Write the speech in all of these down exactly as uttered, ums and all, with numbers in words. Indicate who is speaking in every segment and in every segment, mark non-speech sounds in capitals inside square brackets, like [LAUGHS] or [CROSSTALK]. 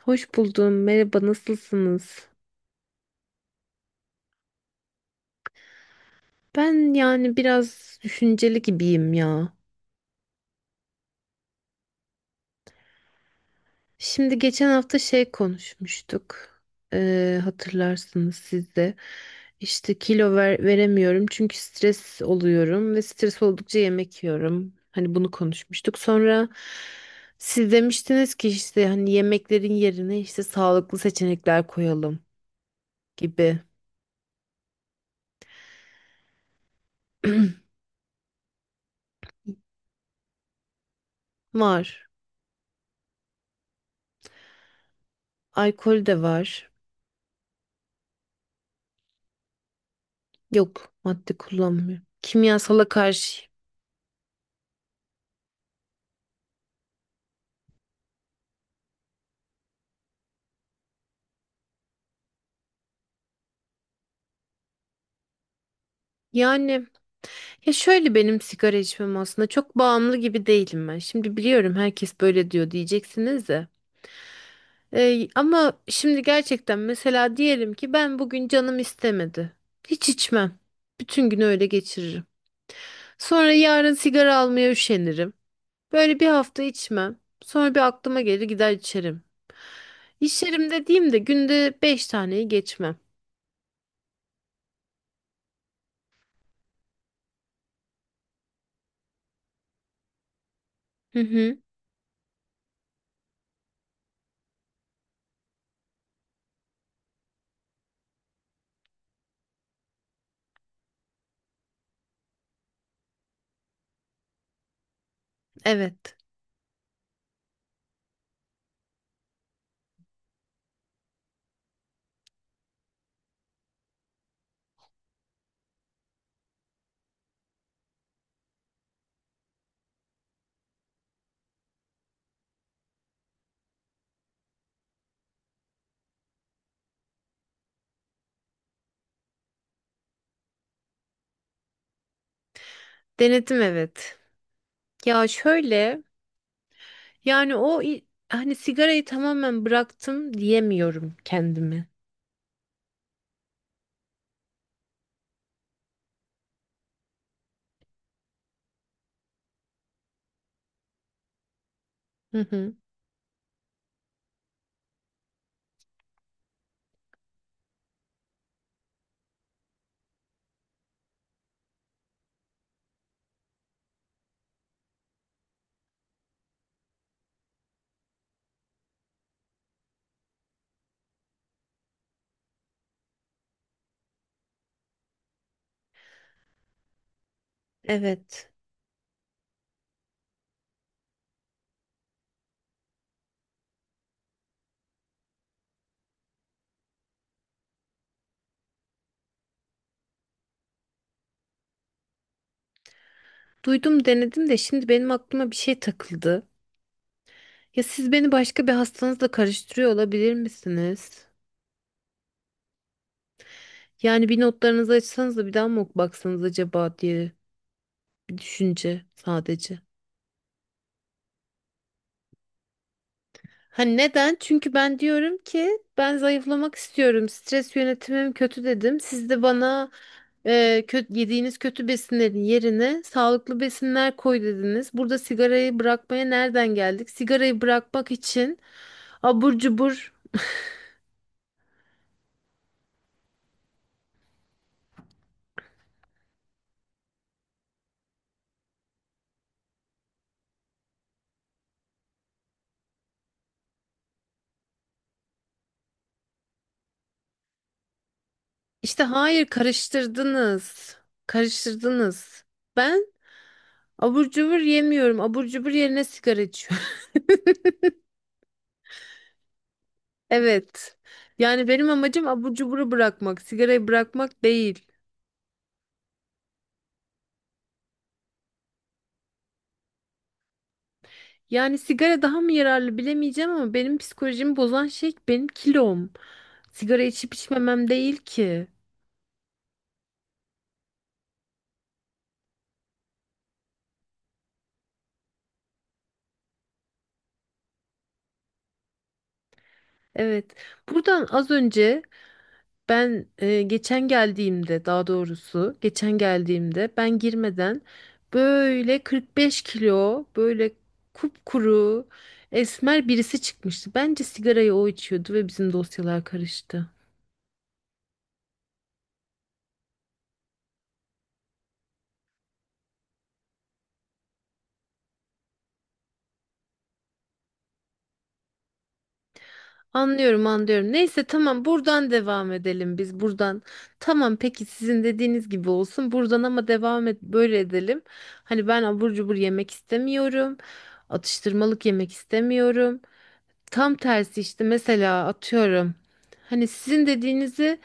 Speaker 1: Hoş buldum. Merhaba, nasılsınız? Ben yani biraz düşünceli gibiyim ya. Şimdi geçen hafta şey konuşmuştuk. Ee, hatırlarsınız siz de. İşte kilo ver- veremiyorum çünkü stres oluyorum ve stres oldukça yemek yiyorum. Hani bunu konuşmuştuk. Sonra siz demiştiniz ki işte hani yemeklerin yerine işte sağlıklı seçenekler koyalım gibi. Var. Alkol de var. Yok, madde kullanmıyorum. Kimyasala karşı. Yani ya şöyle benim sigara içmem aslında çok bağımlı gibi değilim ben. Şimdi biliyorum herkes böyle diyor diyeceksiniz de. Ee, ama şimdi gerçekten mesela diyelim ki ben bugün canım istemedi. Hiç içmem. Bütün günü öyle geçiririm. Sonra yarın sigara almaya üşenirim. Böyle bir hafta içmem. Sonra bir aklıma gelir gider içerim. İçerim dediğimde günde beş taneyi geçmem. Hı hı, evet. Denedim evet. Ya şöyle yani o i- hani sigarayı tamamen bıraktım diyemiyorum kendime. Hı hı. Evet. Duydum denedim de şimdi benim aklıma bir şey takıldı. Ya siz beni başka bir hastanızla karıştırıyor olabilir misiniz? Yani bir notlarınızı açsanız da bir daha mı baksanız acaba diye bir düşünce sadece. Hani neden? Çünkü ben diyorum ki ben zayıflamak istiyorum. Stres yönetimim kötü dedim. Siz de bana e, kötü, yediğiniz kötü besinlerin yerine sağlıklı besinler koy dediniz. Burada sigarayı bırakmaya nereden geldik? Sigarayı bırakmak için abur cubur işte hayır karıştırdınız. Karıştırdınız. Ben abur cubur yemiyorum. Abur cubur yerine sigara içiyorum. [LAUGHS] Evet. Yani benim amacım abur cuburu bırakmak, sigarayı bırakmak değil. Yani sigara daha mı yararlı bilemeyeceğim ama benim psikolojimi bozan şey benim kilom. Sigara içip içmemem değil ki. Evet. Buradan az önce ben e, geçen geldiğimde, daha doğrusu geçen geldiğimde ben girmeden böyle kırk beş kilo böyle kupkuru esmer birisi çıkmıştı. Bence sigarayı o içiyordu ve bizim dosyalar karıştı. Anlıyorum, anlıyorum. Neyse tamam buradan devam edelim biz buradan. Tamam, peki sizin dediğiniz gibi olsun. Buradan ama devam et böyle edelim. Hani ben abur cubur yemek istemiyorum. Atıştırmalık yemek istemiyorum. Tam tersi işte mesela atıyorum. Hani sizin dediğinizi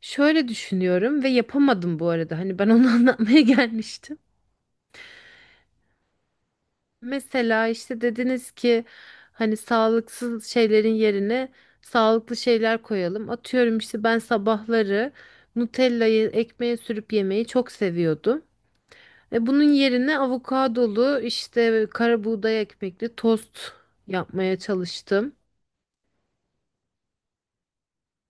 Speaker 1: şöyle düşünüyorum ve yapamadım bu arada. Hani ben onu [LAUGHS] anlatmaya gelmiştim. Mesela işte dediniz ki hani sağlıksız şeylerin yerine sağlıklı şeyler koyalım. Atıyorum işte ben sabahları Nutella'yı ekmeğe sürüp yemeyi çok seviyordum. E bunun yerine avokadolu işte kara buğday ekmekli tost yapmaya çalıştım.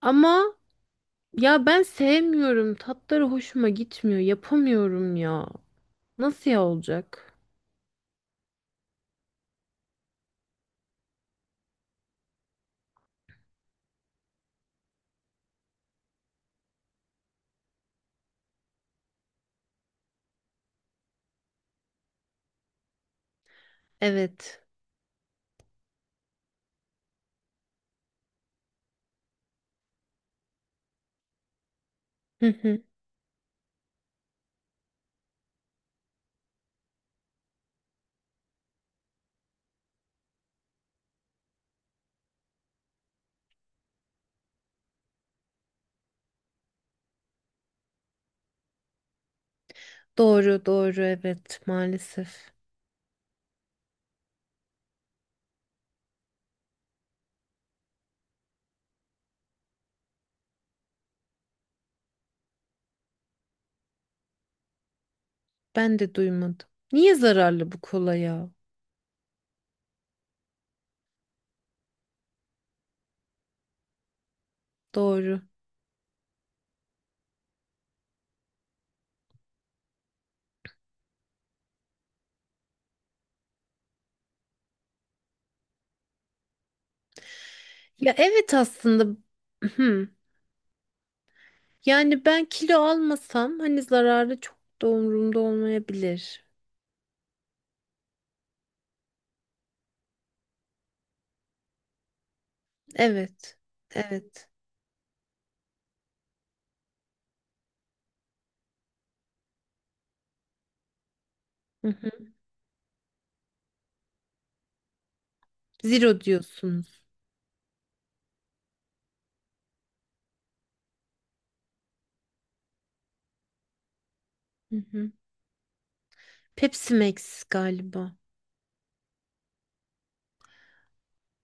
Speaker 1: Ama ya ben sevmiyorum. Tatları hoşuma gitmiyor. Yapamıyorum ya. Nasıl ya olacak? Evet. Hı hı. Doğru, doğru, evet maalesef. Ben de duymadım. Niye zararlı bu kola ya? Doğru. Ya evet aslında hmm. Yani ben kilo almasam hani zararlı çok da umurumda olmayabilir. Evet. Evet. Hı hı. Zero diyorsunuz. Hı hı. Pepsi Max galiba.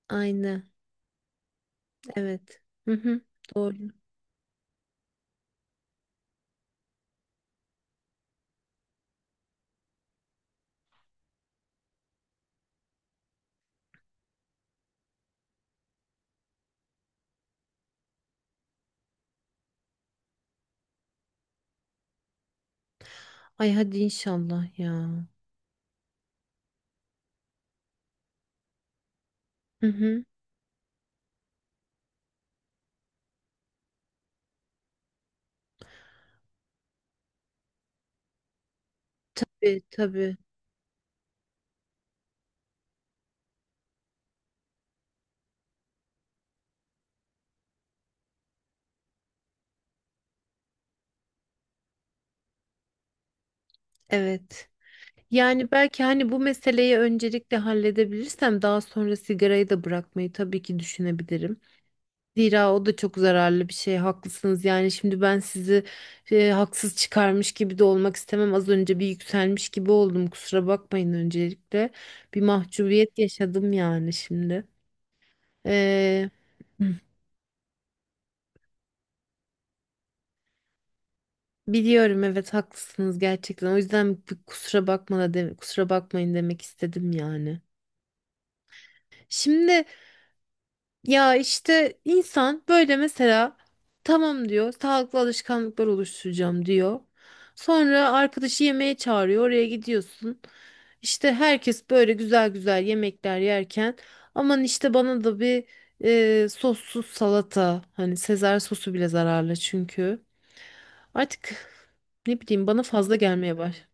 Speaker 1: Aynı. Evet. Hı hı. Doğru. Ay hadi inşallah ya. Hı hı. Tabii tabii. Evet. Yani belki hani bu meseleyi öncelikle halledebilirsem daha sonra sigarayı da bırakmayı tabii ki düşünebilirim. Zira o da çok zararlı bir şey. Haklısınız. Yani şimdi ben sizi e, haksız çıkarmış gibi de olmak istemem. Az önce bir yükselmiş gibi oldum. Kusura bakmayın öncelikle. Bir mahcubiyet yaşadım yani şimdi. Ee, hı, Biliyorum, evet haklısınız gerçekten. O yüzden bir kusura bakma da deme- kusura bakmayın demek istedim yani. Şimdi ya işte insan böyle mesela tamam diyor, sağlıklı alışkanlıklar oluşturacağım diyor. Sonra arkadaşı yemeğe çağırıyor, oraya gidiyorsun. İşte herkes böyle güzel güzel yemekler yerken aman işte bana da bir e, sossuz salata, hani Sezar sosu bile zararlı çünkü. Artık ne bileyim bana fazla gelmeye baş.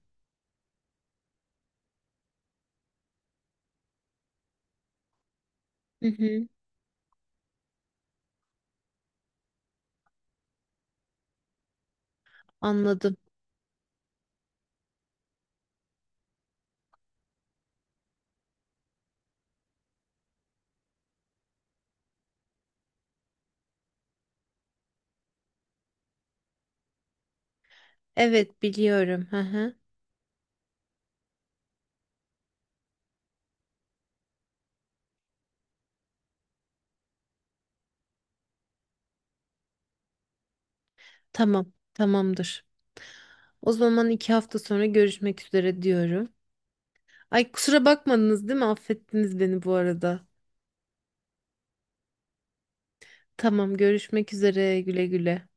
Speaker 1: Hı hı, anladım. Evet biliyorum. Hı hı. Tamam tamamdır. O zaman iki hafta sonra görüşmek üzere diyorum. Ay kusura bakmadınız değil mi? Affettiniz beni bu arada. Tamam görüşmek üzere, güle güle.